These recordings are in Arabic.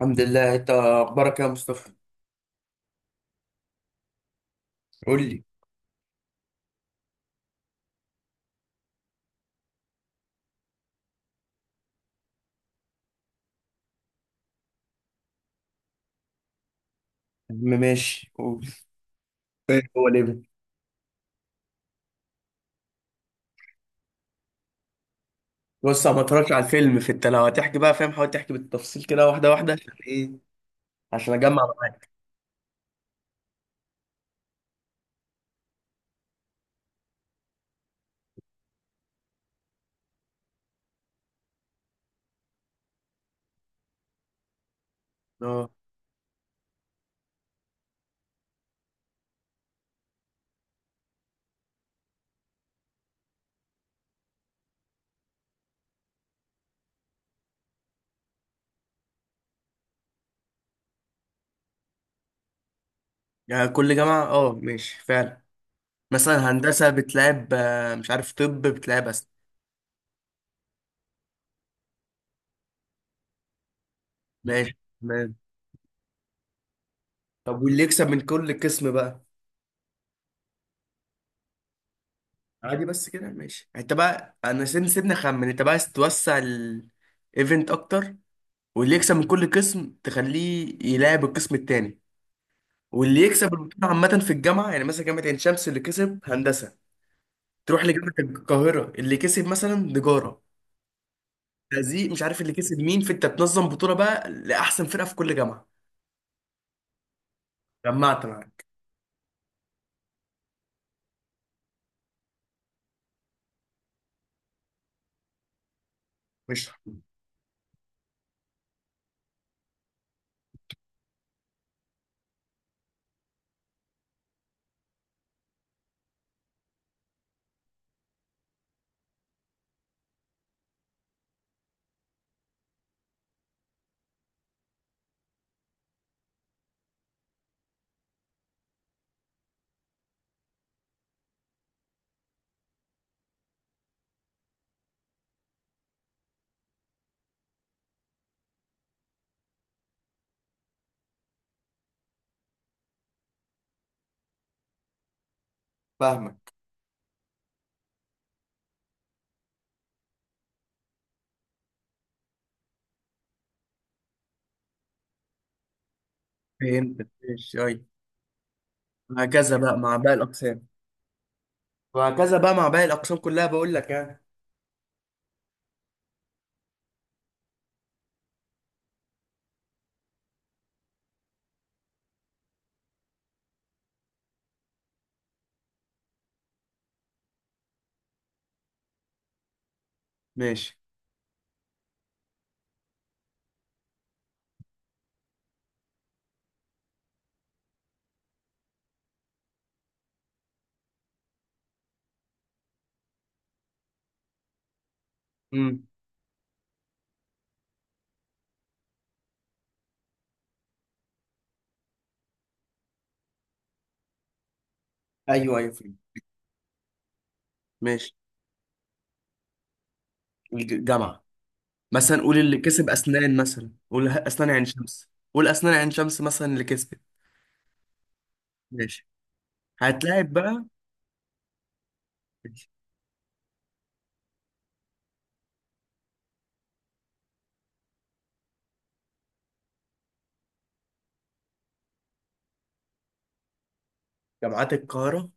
الحمد لله، انت اخبارك إيه يا مصطفى؟ قول لي. يا عم ماشي، قول. إيه؟ هو ليه بقى؟ بص، انا ما اتفرجتش على الفيلم. فانت لو هتحكي بقى فاهم، حاول تحكي بالتفصيل كده واحده واحده عشان ايه. عشان اجمع معاك. اه، يعني كل جامعه، اه، ماشي فعلا. مثلا هندسه بتلعب، مش عارف، طب بتلعب أسنان. ماشي تمام. طب واللي يكسب من كل قسم بقى؟ عادي، بس كده ماشي. انت بقى انا سيبني اخمن انت بقى عايز توسع الايفنت اكتر، واللي يكسب من كل قسم تخليه يلعب القسم التاني، واللي يكسب البطوله عامه في الجامعه، يعني مثلا جامعه عين شمس اللي كسب هندسه، تروح لجامعه القاهره اللي كسب مثلا تجاره، تهزيق مش عارف اللي كسب مين. فانت بتنظم بطوله بقى لاحسن فرقه في كل جامعه. جمعت معاك. مش فاهمك. فهمت، ماشي، ايوه. وهكذا بقى مع باقي الاقسام. وهكذا بقى مع باقي الاقسام كلها، بقول لك يعني. ماشي. امم. ايوه، ايوه، فهمت. ماشي. جامعه. مثلا قول اللي كسب اسنان، مثلا قول اسنان عين شمس مثلا اللي كسبت. ماشي، هتلاعب بقى. جامعات القاهرة.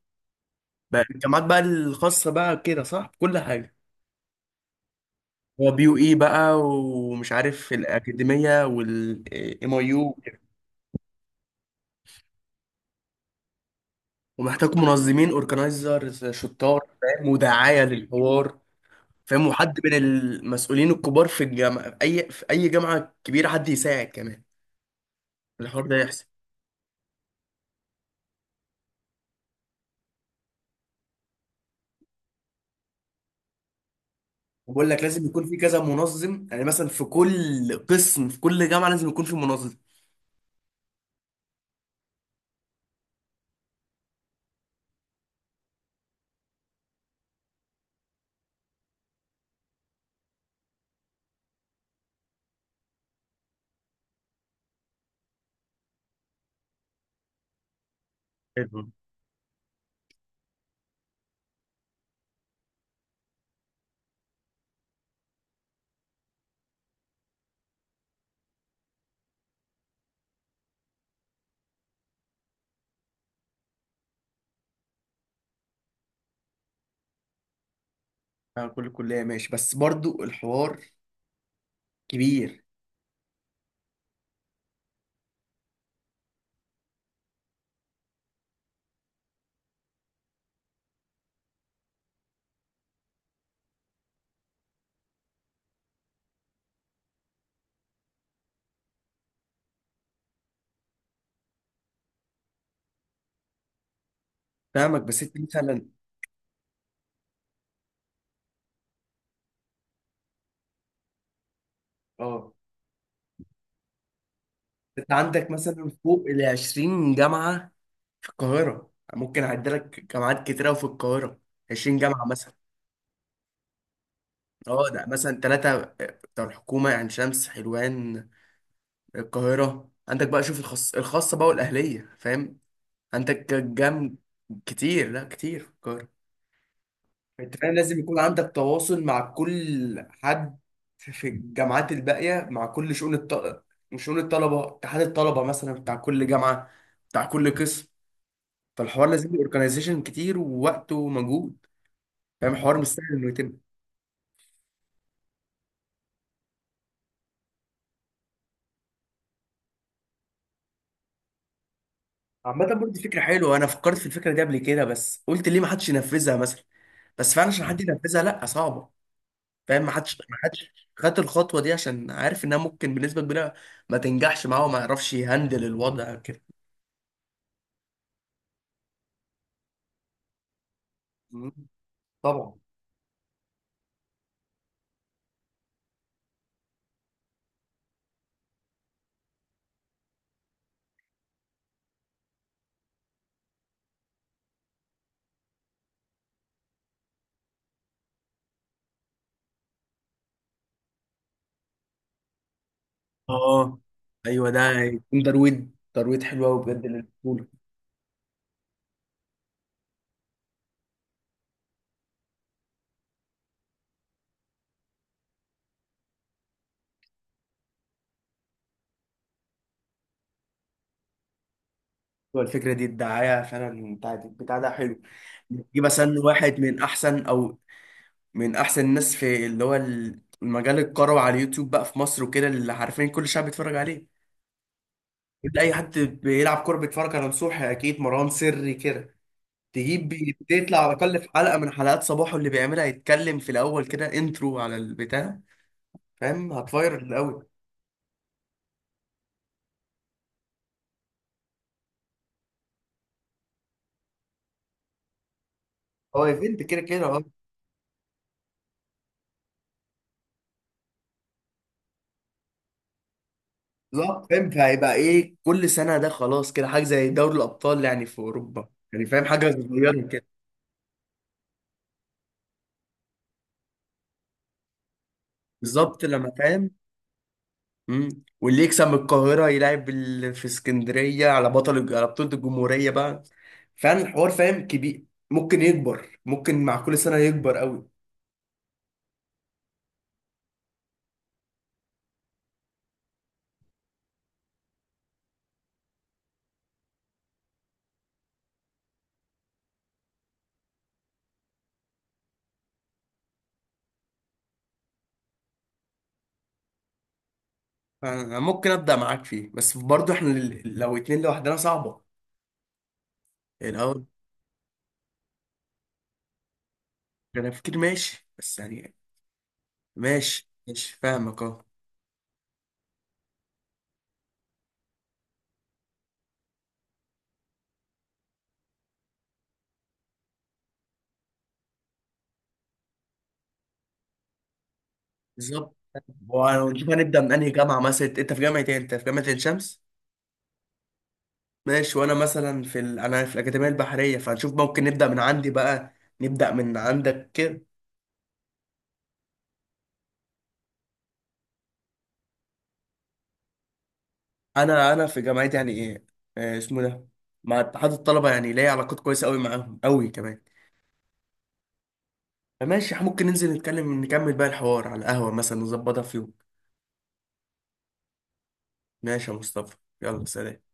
بقى الجامعات بقى الخاصة بقى كده صح كل حاجة. هو BUE بقى، ومش عارف الأكاديمية والام اي يو وكده. ومحتاج منظمين اورجنايزر شطار، فاهم، ودعاية للحوار. فاهم؟ وحد من المسؤولين الكبار في الجامعة، أي في أي جامعة كبيرة، حد يساعد كمان. الحوار ده يحصل. وبقول لك لازم يكون في كذا منظم، يعني مثلا في كل قسم في كل جامعة لازم يكون في منظم. حلو. آه، كل كلية ماشي، بس برضو الحوار كبير. فاهمك، بس انت مثلا. اه، انت عندك مثلا فوق ال 20 جامعه في القاهره، ممكن اعد لك جامعات كتيره في القاهره. 20 جامعه مثلا. اه، ده مثلا ثلاثه بتوع الحكومه، يعني شمس، حلوان، القاهره. عندك بقى شوف الخاص الخاصه بقى والاهليه، فاهم؟ عندك كتير، لا، كتير في القاهره. انت فاهم لازم يكون عندك تواصل مع كل حد في الجامعات الباقية، مع كل شؤون الطلبة، شؤون الطلبة، اتحاد الطلبة مثلا بتاع كل جامعة، بتاع كل قسم. فالحوار لازم اورجنايزيشن كتير، ووقت، ومجهود. فاهم؟ الحوار مش سهل انه يتم. عامة برضه دي فكرة حلوة، انا فكرت في الفكرة دي قبل كده، بس قلت ليه ما حدش ينفذها مثلا. بس فعلا عشان حد ينفذها لا، صعبة. فاهم؟ ما حدش خد الخطوة دي، عشان عارف انها ممكن بنسبة كبيرة ما تنجحش معاه وما يعرفش يهندل الوضع كده. مم. طبعا. اه، ايوه، ده يكون ترويج. ترويج حلو قوي بجد للبطوله. هو الفكره دي الدعايه فعلا، بتاع ده حلو. يجيب مثلا واحد من احسن، او من احسن الناس في اللي هو المجال الكروي على اليوتيوب بقى في مصر وكده، اللي عارفين كل الشعب بيتفرج عليه. انت اي حد بيلعب كوره بيتفرج على نصوحي اكيد، مروان سري كده. تجيب، تطلع على الاقل في حلقه من حلقات صباحه اللي بيعملها، يتكلم في الاول كده انترو على البتاع، فاهم؟ هتفاير قوي. هو ايفنت كده كده، اه. بالظبط فاهم، فهيبقى ايه كل سنه، ده خلاص كده حاجه زي دوري الابطال يعني في اوروبا، يعني فاهم، حاجه صغيره كده. بالظبط، لما فاهم. امم. واللي يكسب من القاهره يلعب في اسكندريه على بطوله الجمهوريه بقى. فعلا الحوار فاهم كبير، ممكن يكبر، ممكن مع كل سنه يكبر قوي. فأنا ممكن ابدا معاك فيه، بس برضه احنا لو اتنين لوحدنا صعبه. الاول. انا فكر، ماشي بس يعني. ماشي ماشي، فاهمك، اه. بالظبط. ونشوف هنبدا من انهي جامعه، مثلا انت في جامعه ايه؟ انت في جامعه عين شمس؟ ماشي. وانا مثلا انا في الاكاديميه البحريه، فهنشوف ممكن نبدا من عندي بقى، نبدا من عندك كده. انا في جامعتي يعني ايه، آه، اسمه ده، مع اتحاد الطلبه، يعني ليا علاقات كويسه قوي معاهم، قوي كمان. فماشي، ممكن ننزل نتكلم نكمل بقى الحوار على القهوه مثلا، نظبطها في يوم. ماشي يا مصطفى. يلا سلام.